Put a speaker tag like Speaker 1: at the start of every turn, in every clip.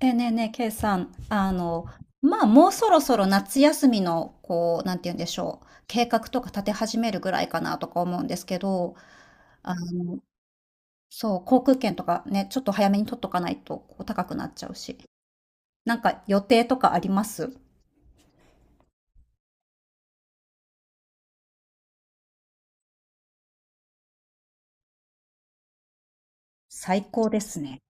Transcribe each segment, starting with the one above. Speaker 1: ねえねえ、ケイさん、まあ、もうそろそろ夏休みの、こう、なんて言うんでしょう、計画とか立て始めるぐらいかなとか思うんですけど、あの、そう、航空券とかね、ちょっと早めに取っとかないと、こう、高くなっちゃうし。なんか予定とかあります？最高ですね。っ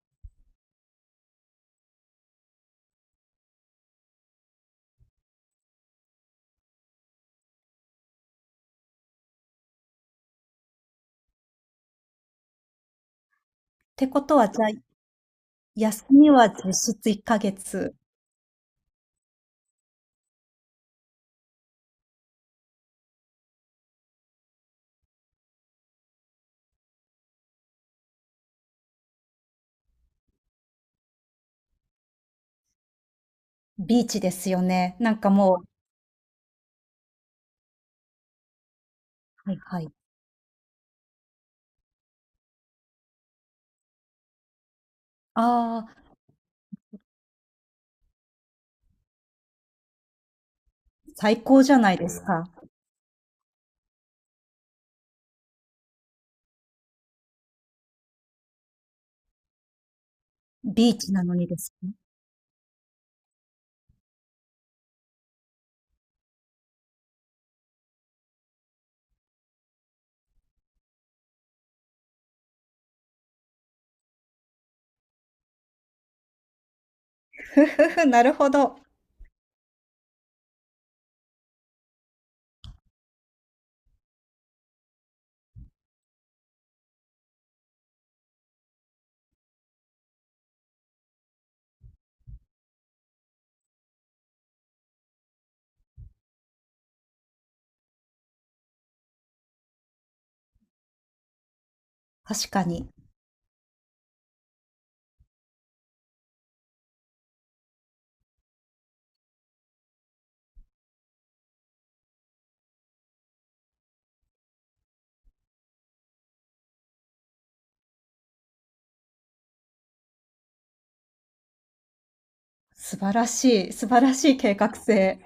Speaker 1: てことは、じゃあ、休みは実質1ヶ月。ビーチですよね。なんかもう、はいはい。ああ、最高じゃないですか。ビーチなのにですね。ふふふ、なるほど。確かに。素晴らしい、素晴らしい計画性。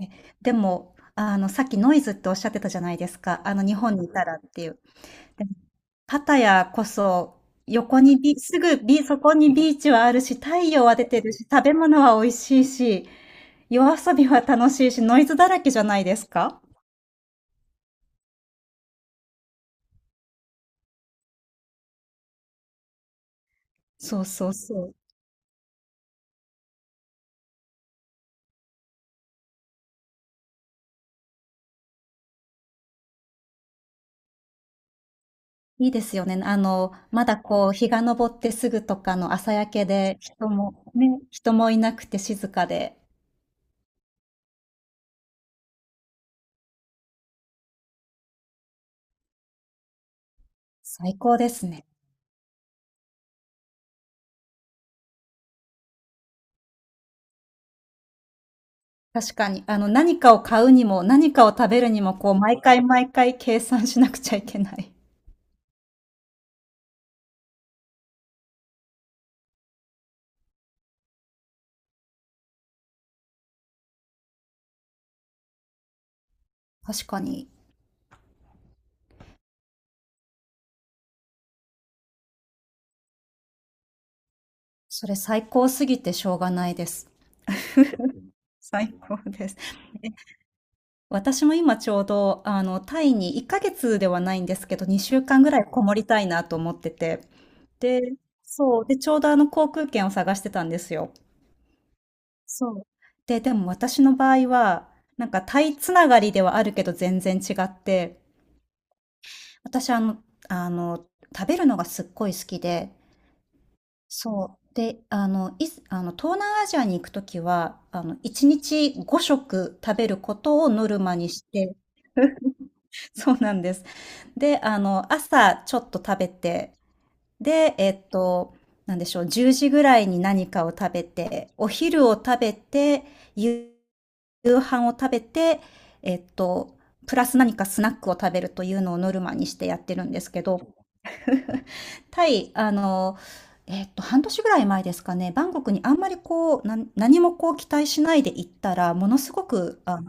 Speaker 1: え、でも、さっきノイズっておっしゃってたじゃないですか。日本にいたらっていう。でも、パやこそ、横にビ、すぐビ、そこにビーチはあるし、太陽は出てるし、食べ物は美味しいし、夜遊びは楽しいし、ノイズだらけじゃないですか？そうそうそう。いいですよね。まだこう、日が昇ってすぐとかの朝焼けで、人も、ね、人もいなくて静かで、最高ですね。確かに、何かを買うにも、何かを食べるにも、こう、毎回毎回計算しなくちゃいけない。確かに、それ最高すぎてしょうがないです。最高です。え、私も今ちょうど、タイに1ヶ月ではないんですけど、2週間ぐらいこもりたいなと思ってて。で、そう、で、ちょうどあの航空券を探してたんですよ。そう。で、でも私の場合は、なんかタイつながりではあるけど全然違って、私、あの、食べるのがすっごい好きで、そう。で、いあの、東南アジアに行くときは、1日5食食べることをノルマにして、そうなんです。で、朝ちょっと食べて、で、なんでしょう、10時ぐらいに何かを食べて、お昼を食べて、夕夕飯を食べて、えっと、プラス何かスナックを食べるというのをノルマにしてやってるんですけど、タイ、半年ぐらい前ですかね、バンコクにあんまりこう、何もこう期待しないで行ったら、ものすごく、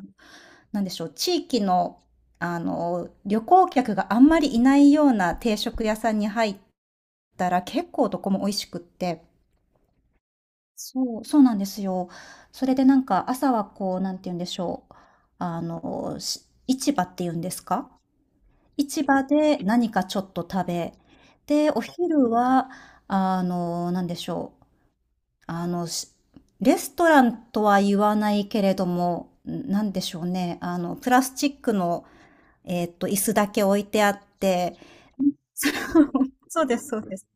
Speaker 1: なんでしょう、地域の、旅行客があんまりいないような定食屋さんに入ったら、結構どこも美味しくって。そう、そうなんですよ。それでなんか朝はこう、なんて言うんでしょう。市場っていうんですか？市場で何かちょっと食べ、で、お昼は、なんでしょう。あの、しレストランとは言わないけれども、んなんでしょうね。プラスチックの、椅子だけ置いてあって。そうですそうです。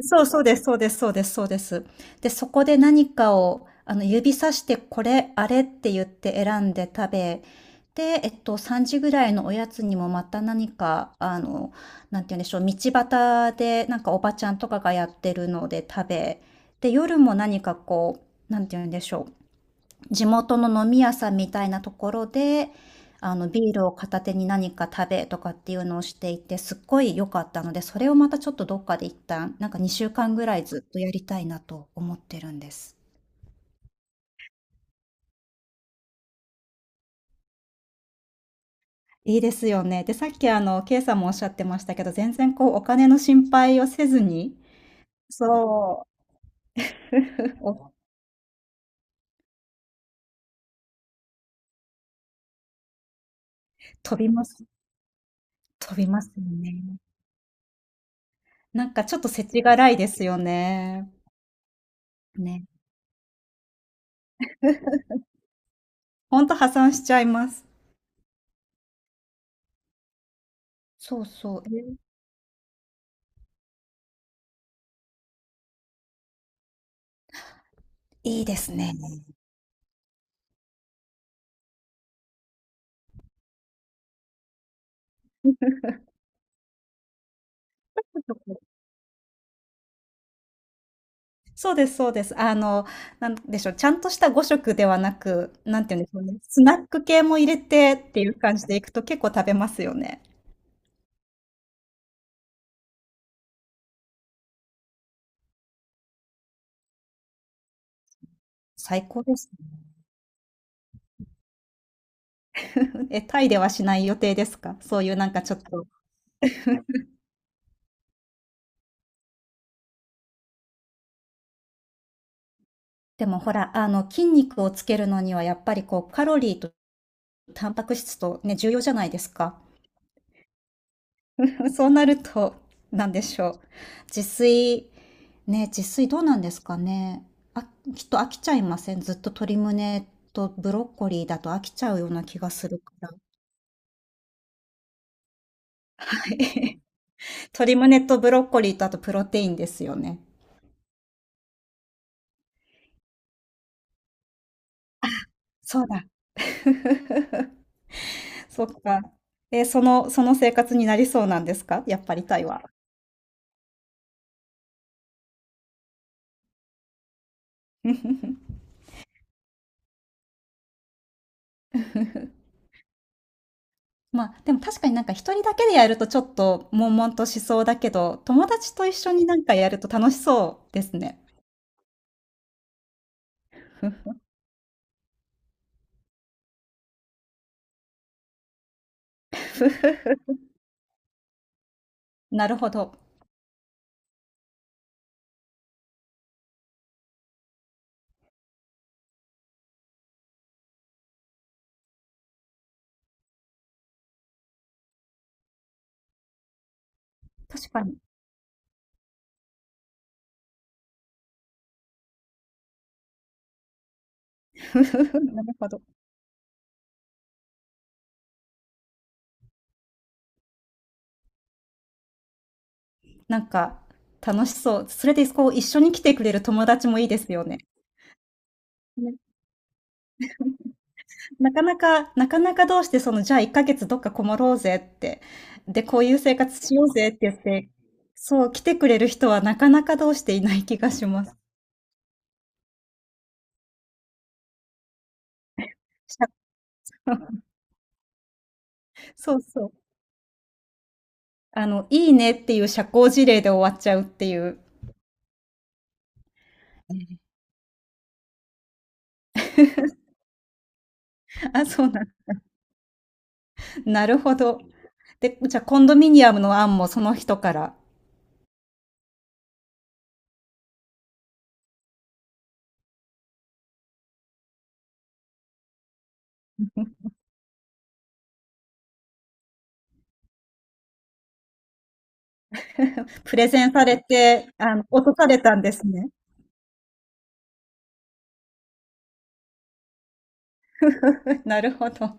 Speaker 1: そうそうです、そうです、そうです、そうです。で、そこで何かを、指さして、これ、あれって言って選んで食べ、で、3時ぐらいのおやつにもまた何か、なんて言うんでしょう、道端で、なんかおばちゃんとかがやってるので食べ、で、夜も何かこう、なんて言うんでしょう、地元の飲み屋さんみたいなところで、ビールを片手に何か食べとかっていうのをしていて、すっごい良かったので、それをまたちょっとどっかで一旦、なんか2週間ぐらいずっとやりたいなと思ってるんです。いいですよね。で、さっきケイさんもおっしゃってましたけど、全然こう、お金の心配をせずに、そう、お飛びます、飛びますよね。なんかちょっと世知辛いですよね。ね。ほんと破産しちゃいます。そうそう。いいですね。そうですそうですそうです。なんでしょう、ちゃんとした5食ではなく、なんていうんでしょうね、スナック系も入れてっていう感じでいくと結構食べますよね。最高ですね。タイではしない予定ですか？そういうなんかちょっと。でもほら、筋肉をつけるのにはやっぱりこう、カロリーとタンパク質とね、重要じゃないですか。そうなると、なんでしょう。自炊、ね、自炊どうなんですかね。あ、きっと飽きちゃいません？ずっと鶏胸とブロッコリーだと飽きちゃうような気がするから。はい 鶏胸とブロッコリーとあとプロテインですよね。そうだ。そっか。その生活になりそうなんですか？やっぱりタイは。まあ、でも確かになんか一人だけでやるとちょっと悶々としそうだけど、友達と一緒になんかやると楽しそうですね。なるほど。確かに。なるほど。なんか楽しそう。それでこう一緒に来てくれる友達もいいですよね。ね、なかなかなかなかどうしてそのじゃあ1ヶ月どっかこもろうぜって、で、こういう生活しようぜって言って、そう、来てくれる人はなかなかどうしていない気がします。社 そうそう。いいねっていう社交辞令で終わっちゃうっていう。うん。あ、そうなん。なるほど。で、じゃ、コンドミニアムの案もその人から、プレゼンされて、落とされたんですね。なるほど。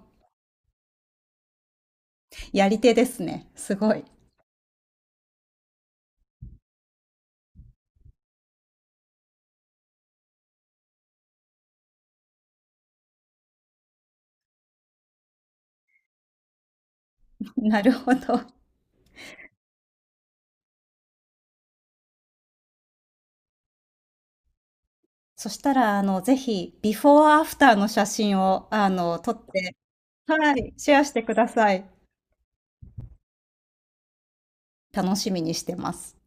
Speaker 1: やり手ですね。すごい。なるほど。そしたら、ぜひ、ビフォーアフターの写真を、撮って、はい、シェアしてください。楽しみにしてます。